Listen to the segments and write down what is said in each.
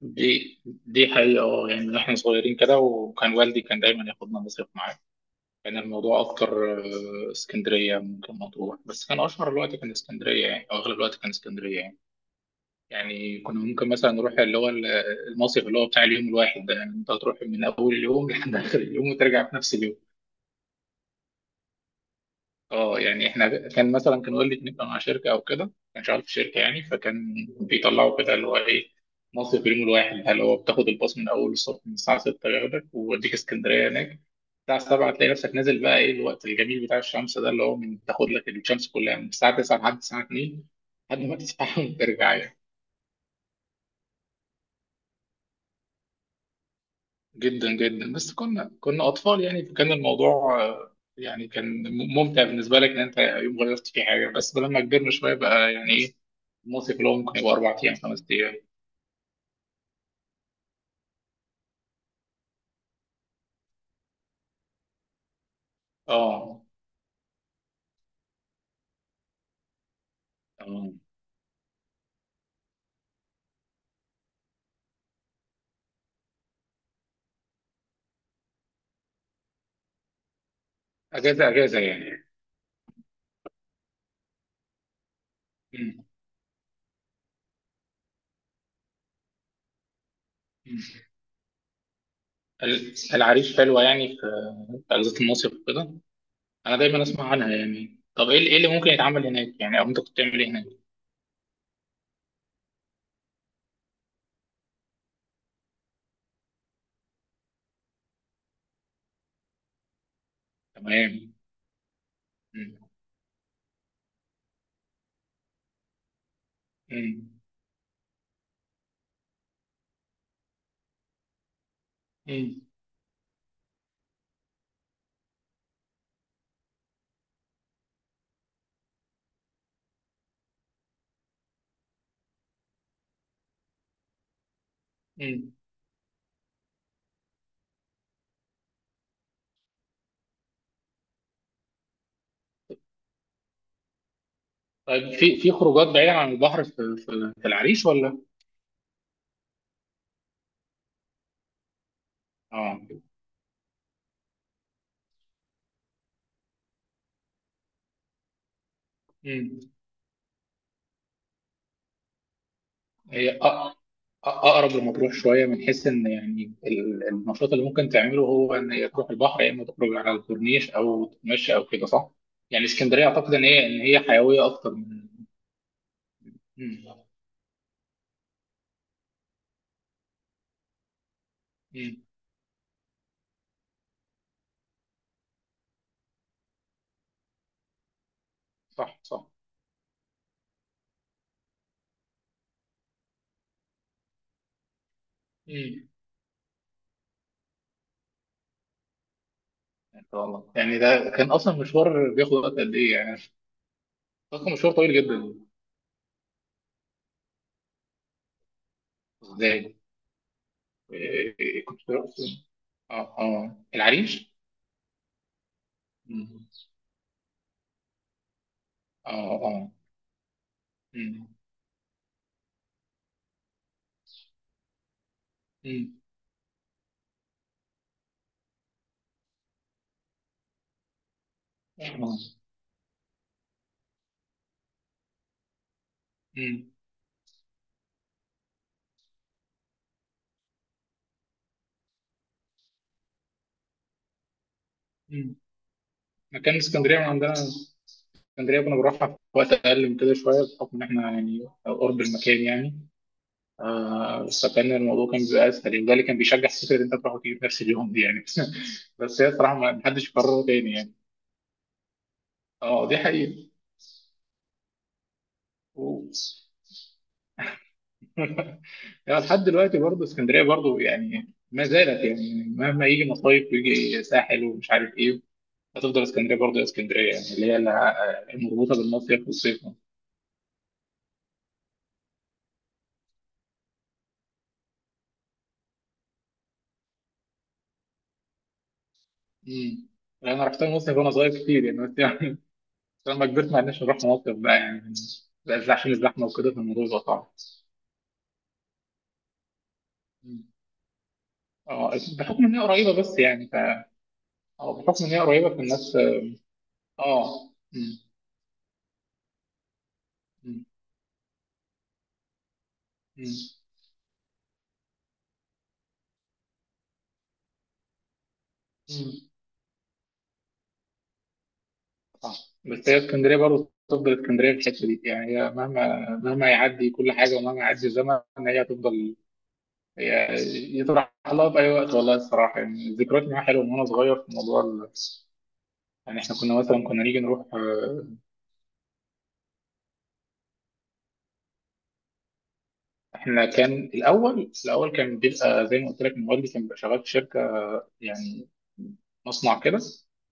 دي حقيقة من احنا صغيرين كده، وكان والدي كان دايما ياخدنا مصيف معاه. كان الموضوع اكتر اسكندرية ممكن مطروح، بس كان اشهر الوقت كان اسكندرية يعني، او اغلب الوقت كان اسكندرية يعني. يعني كنا ممكن مثلا نروح المصيف اللي هو بتاع اليوم الواحد ده، يعني انت هتروح من اول اليوم لحد اخر اليوم وترجع في نفس اليوم. اه يعني احنا كان مثلا كان والدي كان يبقى مع شركه او كده، كان شغال في شركه يعني، فكان بيطلعوا كده اللي هو ايه مصر في اليوم الواحد، اللي هو بتاخد الباص من اول الصبح من الساعه 6 ياخدك ويوديك اسكندريه. هناك الساعه 7 تلاقي نفسك نازل بقى ايه الوقت الجميل بتاع الشمس ده، اللي هو من تاخد لك الشمس كلها من الساعه 9 لحد الساعه 2 لحد ما تسبح وترجع يعني. جدا جدا، بس كنا اطفال يعني، فكان الموضوع يعني كان ممتع بالنسبه لك ان انت يوم غلطت في حاجه. بس لما كبرنا شويه بقى يعني ايه، المصيف اللي هو ممكن يبقى اربع ايام خمس ايام. اه اه اجازه يعني. مم. مم. العريش حلوه يعني في في اجازه المصيف وكده. انا دايما اسمع عنها يعني. طب ايه اللي، إيه اللي ممكن يتعمل هناك يعني، او انت كنت بتعمل ايه هناك؟ تمام. مم. مم. مم. مم. طيب في خروجات بعيدة عن البحر في في العريش ولا؟ اه. امم. هي اقرب لمطروح شويه، من حيث ان يعني النشاط اللي ممكن تعمله هو ان هي تروح البحر، يا اما تخرج على الكورنيش او تتمشى او كده، صح؟ يعني اسكندريه اعتقد ان هي، ان هي حيويه اكتر من، امم. امم. صح صح. امم. ان شاء الله. يعني ده كان اصلا مشوار بياخد وقت قد ايه يعني؟ اصلا مشوار طويل جدا. ازاي؟ كنت بروح فين؟ اه اه، العريش؟ مم. اه. اه. مم. مم. آه. مم. مكان اسكندريه من عندنا، اسكندريه كنا بنروحها في وقت اقل من كده شويه بحكم ان احنا يعني قرب المكان يعني. آه، فكان الموضوع كان بيبقى اسهل، وده اللي كان بيشجع فكره ان انت تروح وتيجي في نفس اليوم دي يعني. بس هي الصراحه ما حدش يكررها تاني يعني. اه دي حقيقه. و- يعني لحد دلوقتي برضه اسكندريه برضه يعني ما زالت يعني، مهما يجي مصايف ويجي ساحل ومش عارف ايه، هتفضل اسكندريه برضه يا اسكندريه يعني، اللي هي المربوطه بالمصيف والصيف. مم. يعني انا رحت المصيف وانا صغير كتير يعني، بس لما كبرت ما عرفناش نروح مصيف بقى يعني. بقى إزاي؟ عشان الزحمه وكده، فالموضوع بقى صعب. مم. اه بحكم ان هي قريبه بس يعني ف، اه بحكم ان هي قريبه فالناس. اه. مم. مم. مم. مم. صح، بس هي اسكندريه برضه تفضل اسكندريه في الحته دي يعني، هي مهما يعدي كل حاجه ومهما يعدي الزمن، هي هتفضل هي. يطرح لها في اي وقت والله الصراحه، يعني ذكريات معاها حلوه من وانا صغير في موضوع يعني احنا كنا مثلا كنا نيجي نروح. احنا كان الاول كان بيبقى زي ما قلت لك، موبايلي كان بيبقى شغال في شركه يعني، مصنع كده.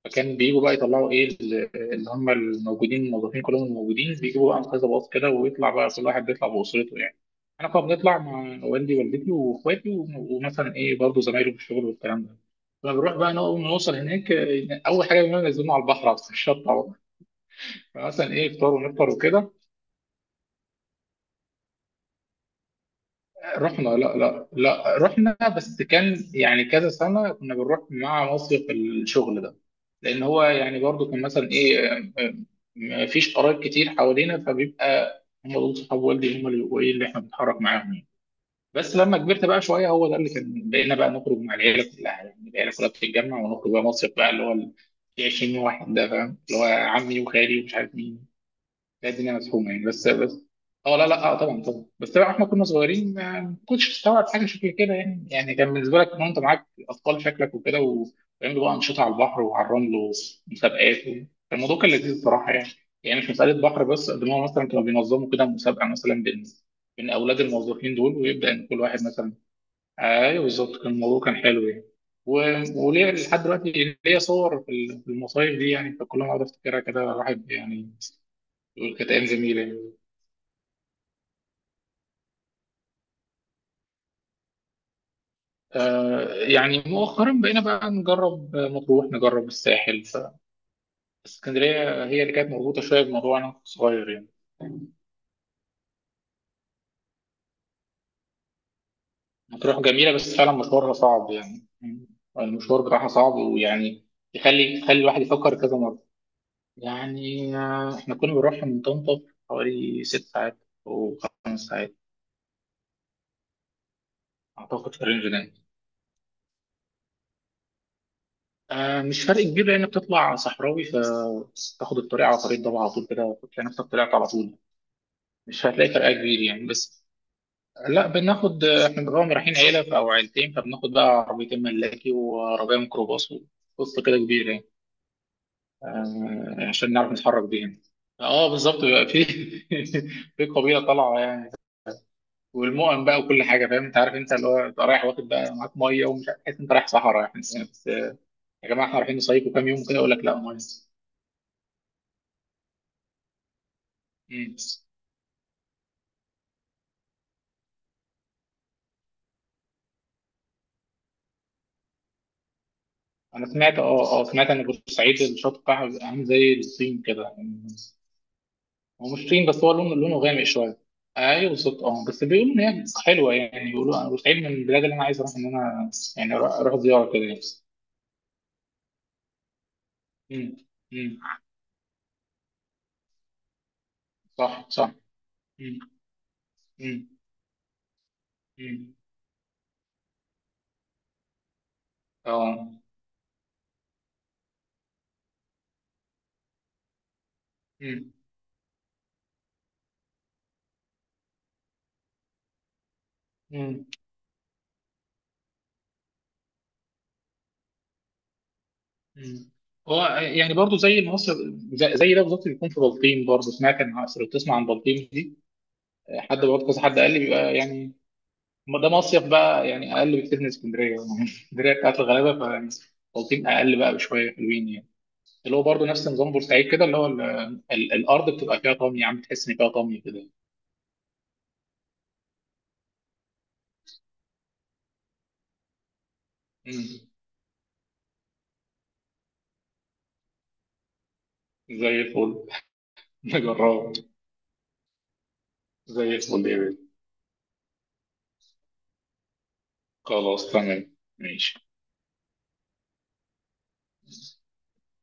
فكان بيجوا بقى يطلعوا ايه اللي هم الموجودين، الموظفين كلهم الموجودين، بيجيبوا بقى كذا باص كده، ويطلع بقى كل واحد بيطلع باسرته يعني. انا كنا بنطلع مع والدي ووالدتي واخواتي ومثلا ايه برضه زمايله في الشغل والكلام ده. كنا بنروح بقى نوصل هناك. اول حاجه بنعملها ننزلنا على البحر على الشط على طول. فمثلا ايه فطار، ونفطر وكده. رحنا، لا رحنا، بس كان يعني كذا سنة كنا بنروح مع مصيف الشغل ده. لأن هو يعني برضو كان مثلا إيه مفيش قرايب كتير حوالينا، فبيبقى هم دول صحاب والدي هم اللي بيبقوا إيه اللي إحنا بنتحرك معاهم يعني. بس لما كبرت بقى شوية، هو ده اللي كان، بقينا بقى نخرج مع العيلة كلها يعني، العيلة كلها بتتجمع ونخرج بقى مصيف بقى اللي هو ال 20 واحد ده، فاهم، اللي هو عمي وخالي ومش عارف مين. لا الدنيا مزحومه يعني بس بس. اه لا لا، اه طبعا طبعا، بس طبعا احنا كنا صغيرين ما كنتش تستوعب حاجه شكل كده يعني، يعني كان بالنسبه لك ان انت معاك اطفال شكلك وكده، وبيعملوا بقى انشطه على البحر وعلى الرمل ومسابقات الموضوع كان لذيذ بصراحه يعني. يعني مش مساله بحر بس، قد ما هو مثلا كانوا بينظموا كده مسابقه مثلا بين اولاد الموظفين دول، ويبدا ان كل واحد مثلا. ايوه بالظبط، كان الموضوع كان حلو يعني. وليه لحد دلوقتي ليا صور في في المصايف دي يعني، فكل ما اقعد افتكرها كده الواحد يعني، كانت أيام جميلة يعني. آه، يعني مؤخرا بقينا بقى نجرب مطروح، نجرب الساحل، فاسكندرية هي اللي كانت مربوطة شوية بالموضوع أنا كنت صغير يعني. مطروح جميلة بس فعلا مشوارها صعب يعني. المشوار بتاعها صعب ويعني يخلي الواحد يفكر كذا مرة يعني. آه، إحنا كنا بنروح من طنطا حوالي ست ساعات، أو خمس ساعات. أعتقد في الرينج ده. آه، مش فرق كبير، لأنك بتطلع صحراوي فتاخد الطريق على طريق ضبع على طول، كده تلاقي نفسك طلعت على طول، مش هتلاقي فرق كبير يعني بس. لا بناخد احنا طبعا رايحين عيله او عيلتين، فبناخد بقى عربيتين ملاكي وعربيه ميكروباص وقصه كده كبيره يعني. عشان نعرف نتحرك بيها. اه بالظبط، بيبقى في في قبيله طالعه يعني. والمؤن بقى وكل حاجه، فاهم انت، عارف انت اللي هو أنت رايح واخد بقى معاك ميه ومش عارف، تحس انت رايح صحراء يعني بس بس. يا جماعه احنا رايحين نصيف وكام يوم كده، يقول لك لا ميه. مم. انا سمعت، اه سمعت ان بورسعيد الشط بتاعها بيبقى عامل زي الصين كده. هو مش طين، بس هو لونه غامق شويه. ايوه بالظبط اه، بس بيقولوا ان هي حلوه يعني، بيقولوا انا بتعيد من البلاد اللي انا عايز اروح ان انا يعني اروح، أروح زياره كده يعني. امم. امم. صح صح. امم. امم. امم. اه. امم. امم. امم. هو يعني برضه زي ما مصر، زي ده بالظبط بيكون في بلطيم برضه، سمعت ان، لو بتسمع عن بلطيم دي، حد برضه كذا، حد قال لي بيبقى يعني ما ده مصيف بقى يعني اقل بكتير من اسكندريه يعني اسكندريه بتاعت الغلابه، فبلطيم اقل بقى بشويه، حلوين يعني. اللي هو برضه نفس نظام بورسعيد كده، اللي هو الارض بتبقى فيها طمي، عم تحس ان فيها طمي كده. مم. زي الفل، نجربه. زي الفل يا بيه. خلاص تمام ماشي.